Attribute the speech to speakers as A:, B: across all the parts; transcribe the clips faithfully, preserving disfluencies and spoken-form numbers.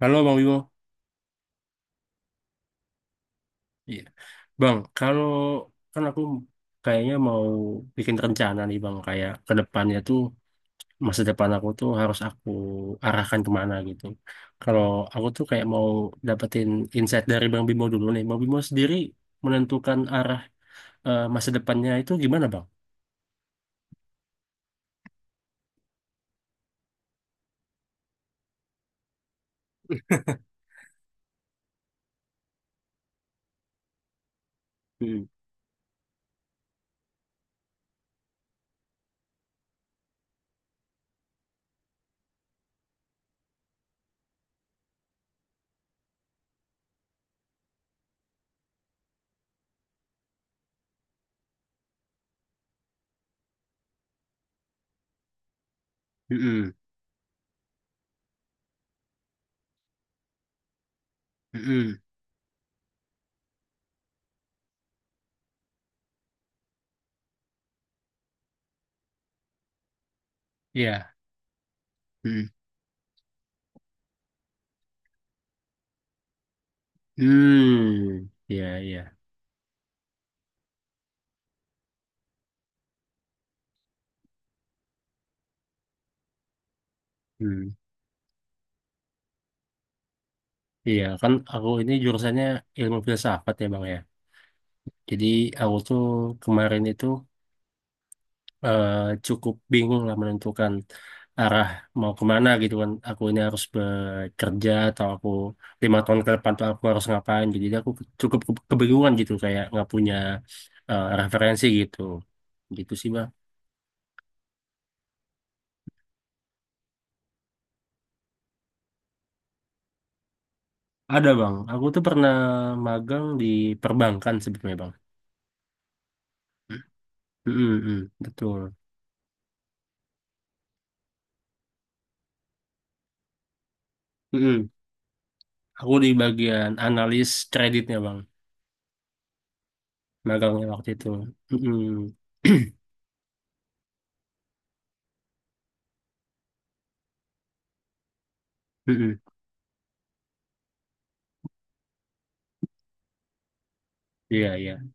A: Halo Bang Wibo. Iya. Bang, kalau kan aku kayaknya mau bikin rencana nih Bang, kayak ke depannya tuh masa depan aku tuh harus aku arahkan kemana gitu. Kalau aku tuh kayak mau dapetin insight dari Bang Bimo dulu nih. Bang Bimo sendiri menentukan arah eh, masa depannya itu gimana Bang? Hmm. Hmm. Hmm. Iya. Hmm. Hmm. Iya, iya. Hmm. Iya, kan aku ini jurusannya ilmu filsafat ya Bang ya. Jadi aku tuh kemarin itu eh, cukup bingung lah menentukan arah mau kemana gitu kan. Aku ini harus bekerja atau aku lima tahun ke depan tuh aku harus ngapain. gitu. Jadi aku cukup ke- kebingungan gitu kayak nggak punya eh, referensi gitu. Gitu sih bang. Ada bang. Aku tuh pernah magang di perbankan sebetulnya bang. Mm, mm, mm, betul. Mm, mm. Aku di bagian analis kreditnya bang. Magangnya waktu itu. Mm, mm. Mm, mm. Iya, iya.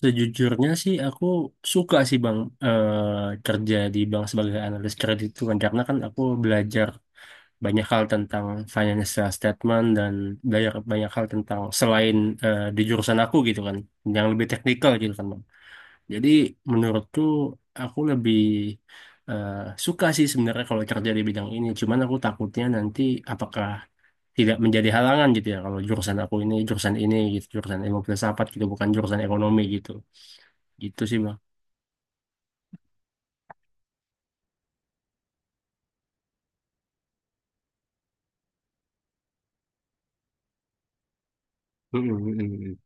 A: Sejujurnya sih aku suka sih Bang eh, kerja di bank sebagai analis kredit itu kan karena kan aku belajar banyak hal tentang financial statement dan belajar banyak hal tentang selain eh, di jurusan aku gitu kan yang lebih teknikal gitu kan. Jadi menurutku aku lebih eh, suka sih sebenarnya kalau kerja di bidang ini. Cuman aku takutnya nanti apakah tidak menjadi halangan gitu ya kalau jurusan aku ini jurusan ini gitu jurusan ilmu filsafat gitu bukan jurusan ekonomi gitu. Gitu sih bang. Mm, mm, mm, mm.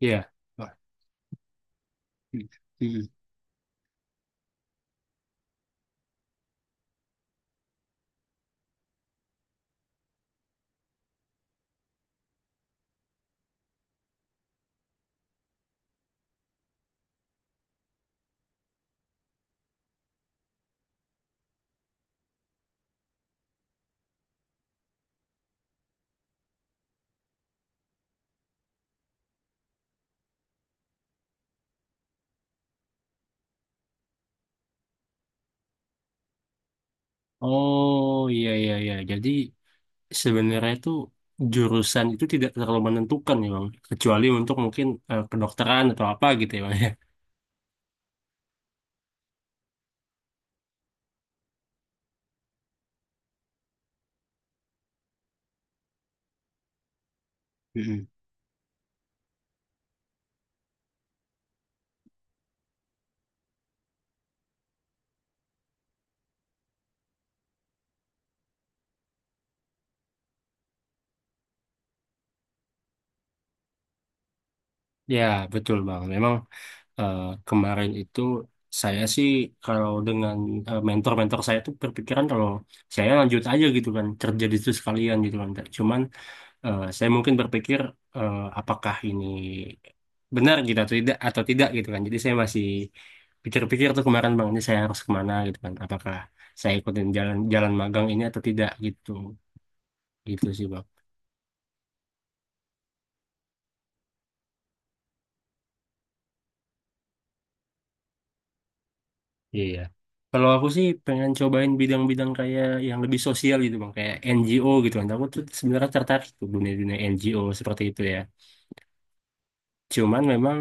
A: Iya. Wah, mm, mm. Oh iya iya iya. Jadi sebenarnya itu jurusan itu tidak terlalu menentukan ya bang. Kecuali untuk mungkin eh, kedokteran atau apa gitu ya bang ya. Ya, betul Bang. Memang eh, kemarin itu saya sih kalau dengan eh, mentor-mentor saya tuh berpikiran kalau saya lanjut aja gitu kan, kerja di situ sekalian gitu kan. Cuman eh, saya mungkin berpikir eh, apakah ini benar gitu atau tidak atau tidak gitu kan. Jadi saya masih pikir-pikir tuh kemarin Bang, ini saya harus kemana gitu kan. Apakah saya ikutin jalan jalan magang ini atau tidak gitu. Gitu sih Bang. Iya. Kalau aku sih pengen cobain bidang-bidang kayak yang lebih sosial gitu bang, kayak N G O gitu kan. Aku tuh sebenarnya tertarik tuh dunia-dunia N G O seperti itu ya. Cuman memang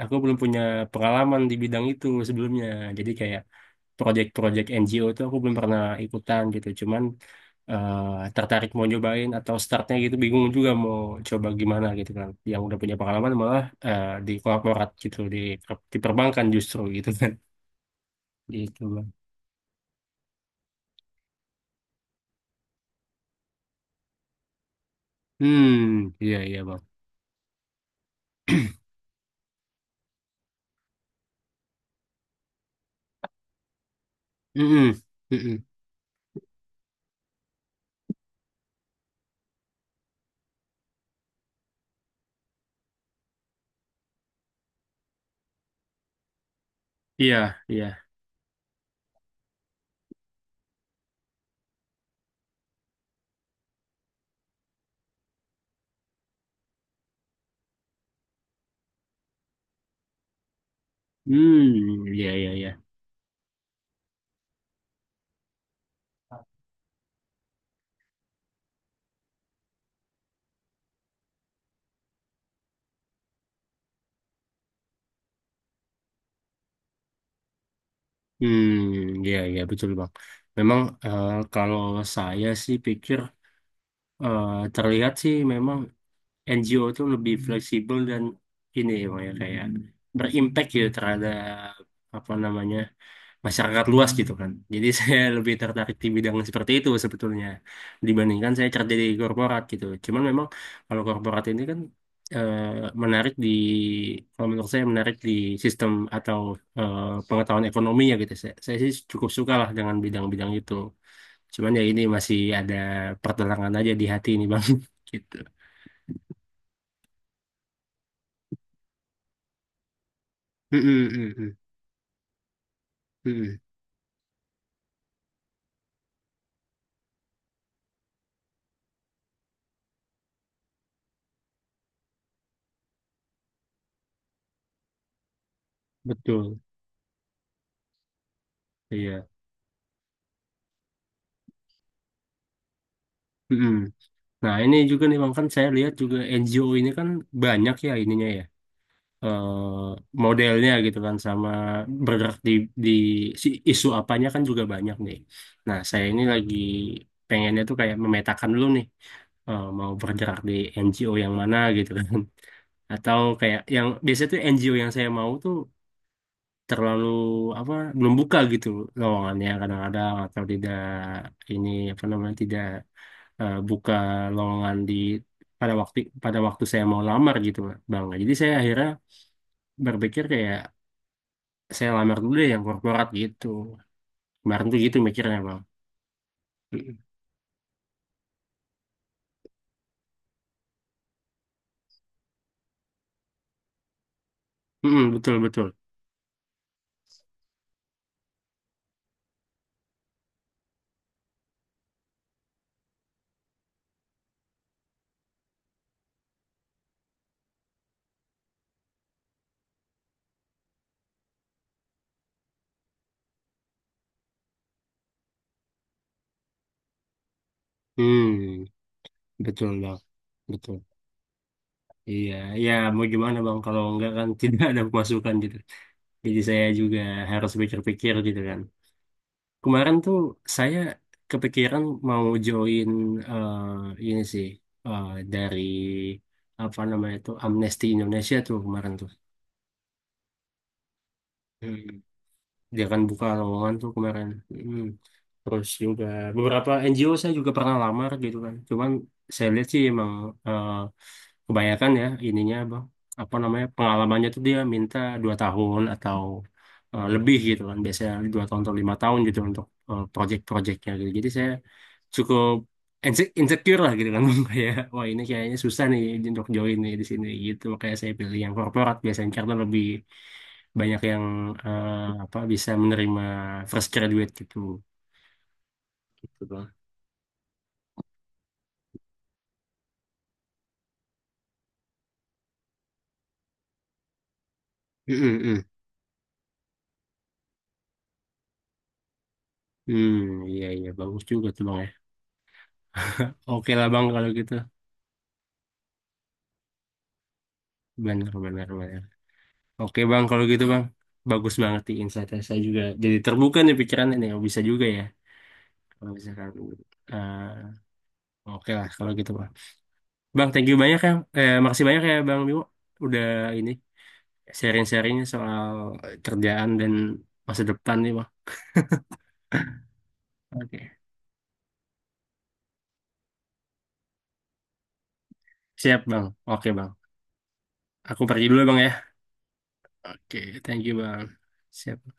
A: aku belum punya pengalaman di bidang itu sebelumnya. Jadi kayak project-project N G O itu aku belum pernah ikutan gitu. Cuman eh, tertarik mau nyobain atau startnya gitu bingung juga mau coba gimana gitu kan. Yang udah punya pengalaman malah eh, di korporat gitu, di, di perbankan justru gitu kan. Gitu bang. Hmm, iya iya bang. Mm-mm, mm-mm. Iya, iya. Hmm, iya, iya, iya. Hmm, iya, iya, betul, Bang. Memang eh, kalau saya sih pikir eh, terlihat sih memang N G O itu lebih fleksibel dan ini ya, Bang, ya, kayak berimpact gitu terhadap apa namanya masyarakat luas gitu kan. Jadi saya lebih tertarik di bidang seperti itu sebetulnya dibandingkan saya kerja di korporat gitu. Cuman memang kalau korporat ini kan eh, menarik di kalau menurut saya menarik di sistem atau eh, pengetahuan ekonomi ya gitu. Saya, saya sih cukup suka lah dengan bidang-bidang itu. Cuman ya ini masih ada pertentangan aja di hati ini Bang gitu. Mm-mm, mm-mm, mm-mm. Betul. Iya. Mm-mm. Nah, ini juga nih Bang kan saya lihat juga N G O ini kan banyak ya ininya ya eh, modelnya gitu kan sama bergerak di di si isu apanya kan juga banyak nih. Nah, saya ini lagi pengennya tuh kayak memetakan dulu nih eh, mau bergerak di N G O yang mana gitu kan. Atau kayak yang biasanya tuh N G O yang saya mau tuh terlalu apa belum buka gitu lowongannya kadang-kadang atau tidak ini apa namanya tidak eh, buka lowongan di pada waktu pada waktu saya mau lamar gitu Bang. Nah, jadi saya akhirnya berpikir kayak saya lamar dulu deh yang korporat gitu. Kemarin tuh gitu mikirnya bang. Mm-mm. Mm-mm, betul betul. Hmm, betul bang. Betul. Iya, ya mau gimana bang kalau enggak kan tidak ada pemasukan gitu. Jadi saya juga harus pikir-pikir gitu kan. Kemarin tuh saya kepikiran mau join eh, ini sih eh, dari apa namanya tuh Amnesty Indonesia tuh kemarin tuh. Dia kan buka lowongan tuh kemarin. Mm. Terus juga beberapa N G O saya juga pernah lamar gitu kan cuman saya lihat sih emang eh, kebanyakan ya ininya bang apa namanya pengalamannya tuh dia minta dua tahun atau eh, lebih gitu kan biasanya dua tahun atau lima tahun gitu untuk eh, project-projectnya gitu jadi saya cukup inse- insecure lah gitu kan kayak wah ini kayaknya susah nih untuk join nih di sini gitu makanya saya pilih yang korporat biasanya karena lebih banyak yang eh, apa bisa menerima fresh graduate gitu gitu bang. Mm, mm, mm. Hmm, iya iya bagus juga tuh bang ya. Oke lah bang kalau gitu, benar benar benar. Oke bang kalau gitu bang, bagus banget di insight saya juga. Jadi terbuka nih pikirannya nih, oh, bisa juga ya kalau misalkan. eh, oke lah kalau gitu bang. Bang thank you banyak ya, eh, makasih banyak ya bang Bimo. Udah ini sharing-sharingnya soal kerjaan dan masa depan nih bang. Oke, siap bang. Oke bang. Aku pergi dulu ya, Bang ya. Oke, thank you Bang. Siap.